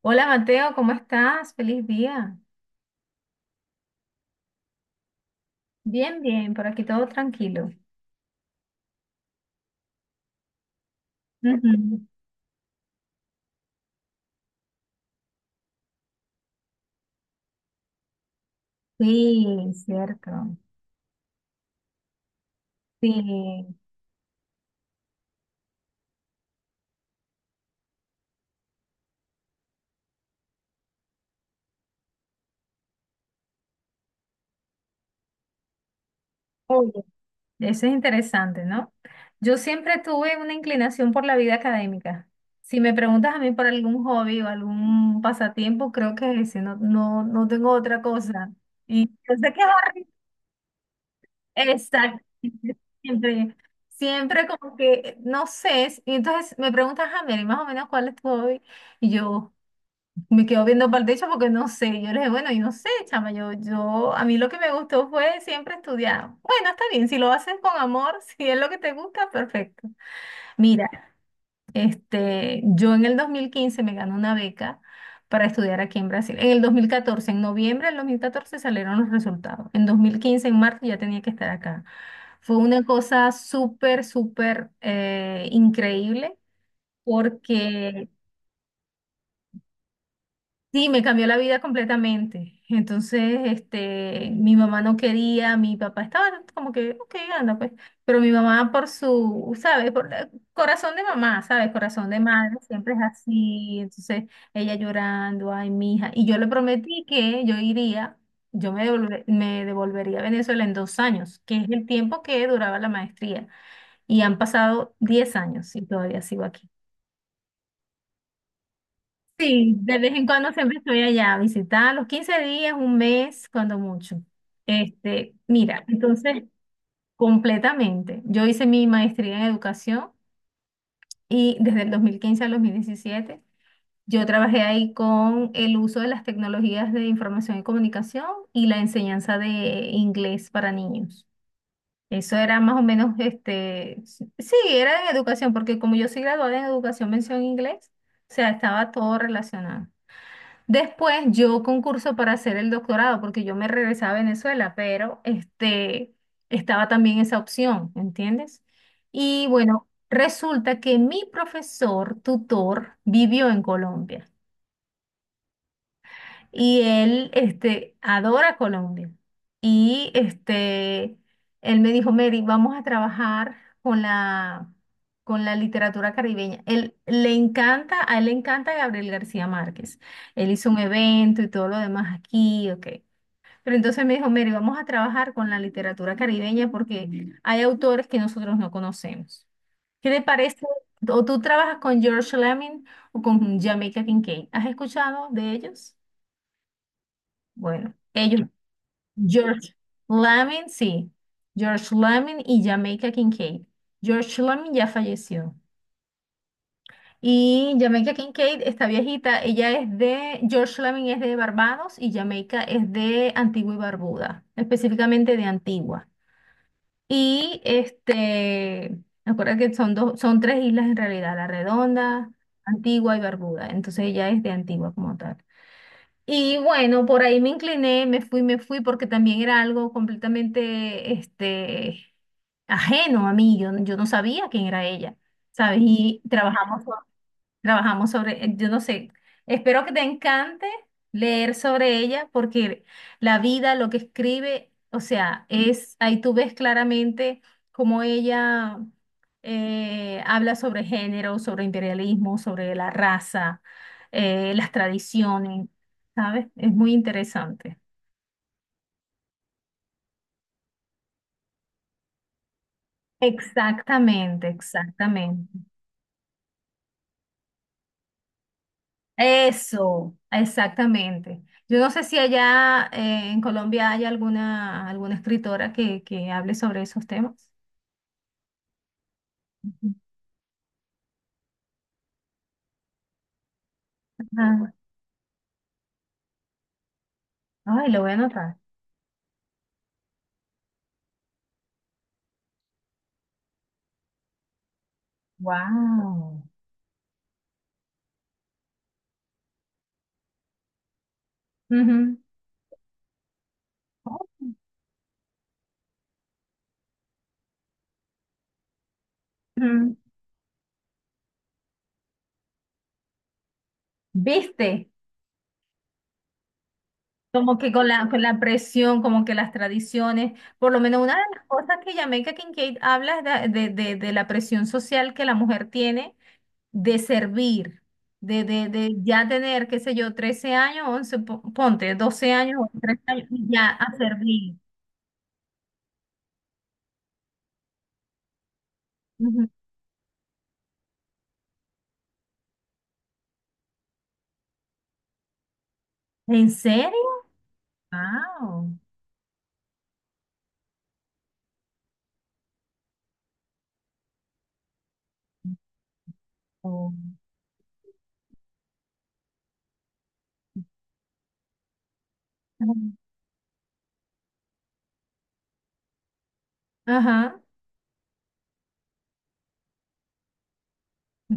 Hola Mateo, ¿cómo estás? Feliz día. Bien, bien, por aquí todo tranquilo. Ujú. Sí, cierto. Sí. Oye, eso es interesante, ¿no? Yo siempre tuve una inclinación por la vida académica. Si me preguntas a mí por algún hobby o algún pasatiempo, creo que es ese, no, no, no tengo otra cosa. Y yo sé que es horrible. Exacto. Siempre, siempre como que, no sé, y entonces me preguntas a mí, más o menos cuál es tu hobby, y yo... Me quedo viendo para el techo porque no sé. Yo le dije, bueno, yo no sé, chama, yo, a mí lo que me gustó fue siempre estudiar. Bueno, está bien, si lo haces con amor, si es lo que te gusta, perfecto. Mira, este, yo en el 2015 me gané una beca para estudiar aquí en Brasil. En el dos mil catorce, en noviembre del 2014 salieron los resultados. En dos mil quince, en marzo, ya tenía que estar acá. Fue una cosa súper, súper increíble porque sí, me cambió la vida completamente. Entonces, este, mi mamá no quería, mi papá estaba como que, ok, anda pues. Pero mi mamá por su, ¿sabes? Por la- corazón de mamá, ¿sabes? Corazón de madre, siempre es así. Entonces, ella llorando, ay, mi hija. Y yo le prometí que yo iría, yo me devolve- me devolvería a Venezuela en dos años, que es el tiempo que duraba la maestría. Y han pasado diez años y todavía sigo aquí. Sí, de vez en cuando siempre estoy allá a visitar, los 15 días, un mes, cuando mucho. Este, mira, entonces, completamente. Yo hice mi maestría en educación y desde el 2015 al 2017 yo trabajé ahí con el uso de las tecnologías de información y comunicación y la enseñanza de inglés para niños. Eso era más o menos, este, sí, sí, era en educación, porque como yo soy graduada en educación, mención inglés, o sea, estaba todo relacionado. Después yo concurso para hacer el doctorado porque yo me regresaba a Venezuela, pero este, estaba también esa opción, ¿entiendes? Y bueno, resulta que mi profesor tutor vivió en Colombia. Y él, este, adora Colombia. Y este, él me dijo, Mary, vamos a trabajar con la, con la literatura caribeña. Él le encanta, a él le encanta Gabriel García Márquez. Él hizo un evento y todo lo demás aquí, ok. Pero entonces me dijo, Mary, vamos a trabajar con la literatura caribeña porque hay autores que nosotros no conocemos. ¿Qué te parece? ¿O tú trabajas con George Lemming o con Jamaica Kincaid? ¿Has escuchado de ellos? Bueno, ellos, George Lamin, sí, George Lamin y Jamaica Kincaid. George Lamin ya falleció. Y Jamaica Kincaid, está viejita, ella es de, George Lamin es de Barbados y Jamaica es de Antigua y Barbuda, específicamente de Antigua. Y este, recuerda que son dos, son tres islas en realidad, La Redonda, Antigua y Barbuda. Entonces ella es de Antigua como tal. Y bueno, por ahí me incliné, me fui, porque también era algo completamente, este, ajeno a mí. Yo no sabía quién era ella, ¿sabes? Y trabajamos. Trabajamos sobre, yo no sé, espero que te encante leer sobre ella porque la vida, lo que escribe, o sea, es, ahí tú ves claramente cómo ella habla sobre género, sobre imperialismo, sobre la raza, las tradiciones, ¿sabes? Es muy interesante. Exactamente, exactamente. Eso, exactamente. Yo no sé si allá en Colombia hay alguna, alguna escritora que hable sobre esos temas. Ujú. Ajá. Ay, lo voy a anotar. Wow. ¿Viste? Como que con la presión, como que las tradiciones, por lo menos una de las cosas que Jamaica Kincaid habla es de, de la presión social que la mujer tiene de servir, de ya tener, qué sé yo, 13 años, 11 po- ponte, doce años, o 13 años, y ya a servir. Ujú. ¿En serio? Wow. Oh. Ujú. Ajá,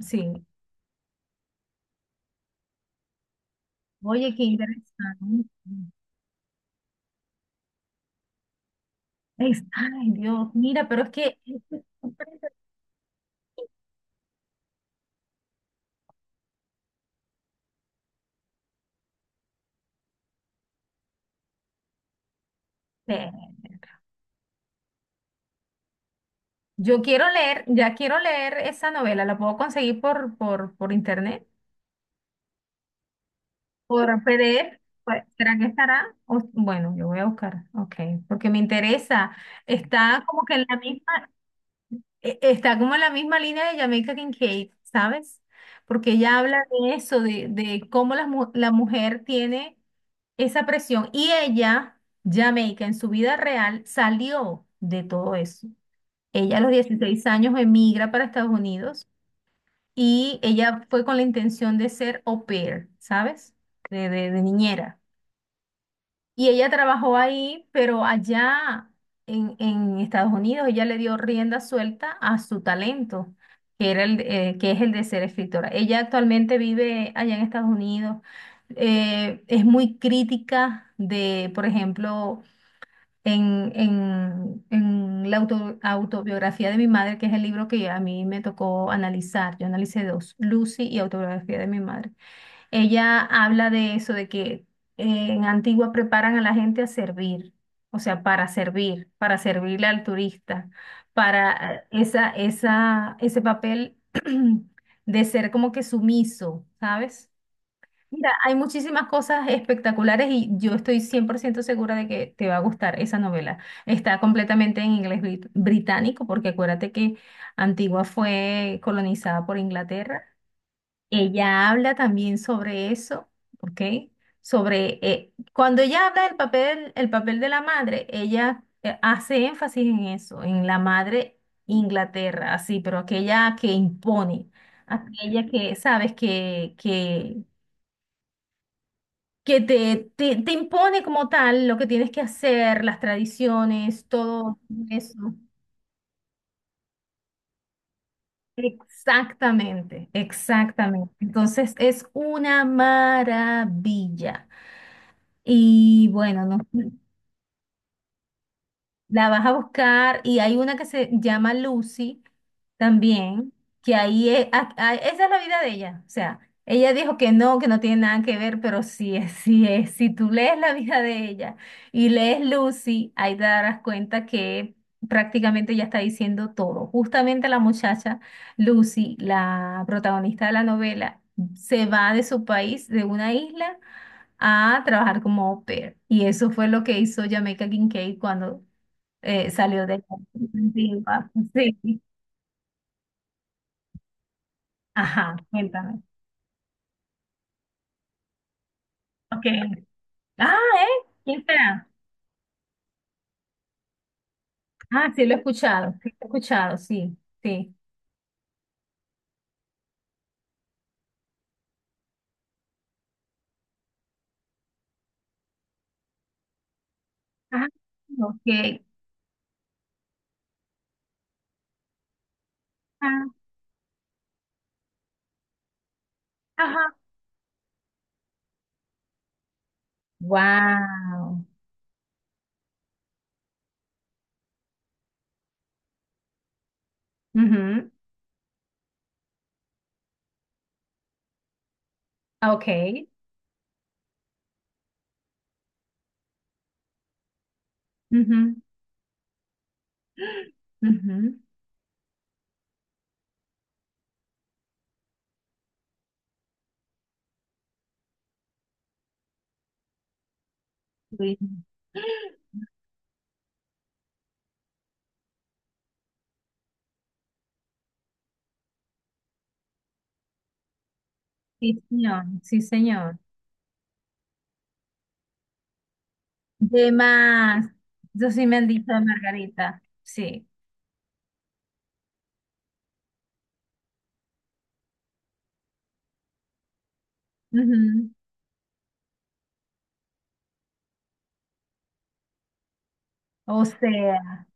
sí. Oye, qué interesante. Es- ay, Dios, mira, pero es que leer. Yo quiero leer, ya quiero leer esa novela, ¿la puedo conseguir por internet? Por PDF, pues, ¿será que estará? O- bueno, yo voy a buscar, ok, porque me interesa. Está como que en la misma, e- está como en la misma línea de Jamaica Kincaid, ¿sabes? Porque ella habla de eso, de cómo la, mu- la mujer tiene esa presión. Y ella, Jamaica, en su vida real, salió de todo eso. Ella a los 16 años emigra para Estados Unidos y ella fue con la intención de ser au pair, ¿sabes? De niñera. Y ella trabajó ahí, pero allá en Estados Unidos ella le dio rienda suelta a su talento, que era el, que es el de ser escritora. Ella actualmente vive allá en Estados Unidos. Es muy crítica de, por ejemplo, en la auto- autobiografía de mi madre, que es el libro que a mí me tocó analizar. Yo analicé dos, Lucy y autobiografía de mi madre. Ella habla de eso, de que en Antigua preparan a la gente a servir, o sea, para servir, para servirle al turista, para esa, esa, ese papel de ser como que sumiso, ¿sabes? Mira, hay muchísimas cosas espectaculares y yo estoy 100% segura de que te va a gustar esa novela. Está completamente en inglés brit- británico, porque acuérdate que Antigua fue colonizada por Inglaterra, ella habla también sobre eso, ¿ok? Sobre, cuando ella habla del papel, el papel de la madre, ella hace énfasis en eso, en la madre Inglaterra, así, pero aquella que impone, aquella que, sabes, que te impone como tal lo que tienes que hacer, las tradiciones, todo eso. Exactamente, exactamente. Entonces es una maravilla. Y bueno, no, la vas a buscar y hay una que se llama Lucy también, que ahí es, a- esa es la vida de ella. O sea, ella dijo que no tiene nada que ver, pero sí es, sí es. Si tú lees la vida de ella y lees Lucy, ahí te darás cuenta que prácticamente ella está diciendo todo. Justamente la muchacha Lucy, la protagonista de la novela, se va de su país, de una isla a trabajar como au pair. Y eso fue lo que hizo Jamaica Kincaid cuando salió de la antigua. Sí. Ajá, cuéntame. Ok. Ah, ¿eh? ¿Quién será? Ah, sí lo he escuchado, sí lo he escuchado, sí, sí. Ah, ok. Ah, ajá. Wow. Ujú. Ah, ok. Ujú. Ujú. Sí, sí, señor, sí, señor. De más. Eso sí me han dicho de Margarita. Sí. Ujú. O sea,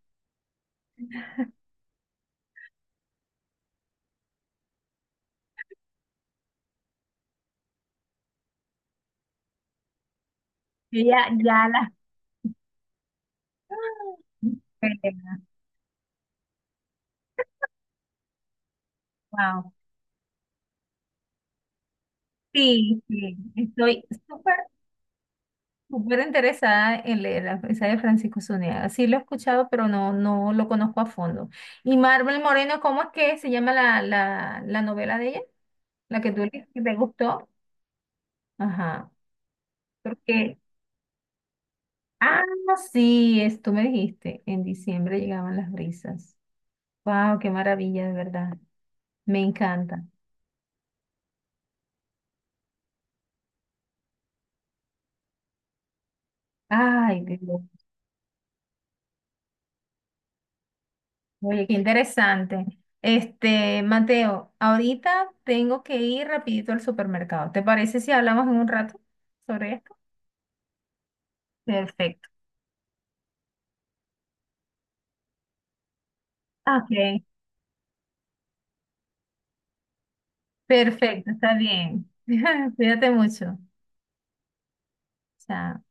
yo ya, ya las... Wow. Sí, sí, estoy súper, súper interesada en leer la esa de Francisco Zuniaga. Sí lo he escuchado, pero no, no lo conozco a fondo. Y Marvel Moreno, ¿cómo es que se llama la, la, la novela de ella? La que tú lees, que te gustó. Ajá. Porque, ah, sí, es, tú me dijiste, en diciembre llegaban las brisas. Wow, qué maravilla, de verdad. Me encanta. Ay, Dios. Oye, qué interesante. Este, Mateo, ahorita tengo que ir rapidito al supermercado. ¿Te parece si hablamos en un rato sobre esto? Perfecto. Ok, perfecto, está bien. Cuídate mucho. Chao.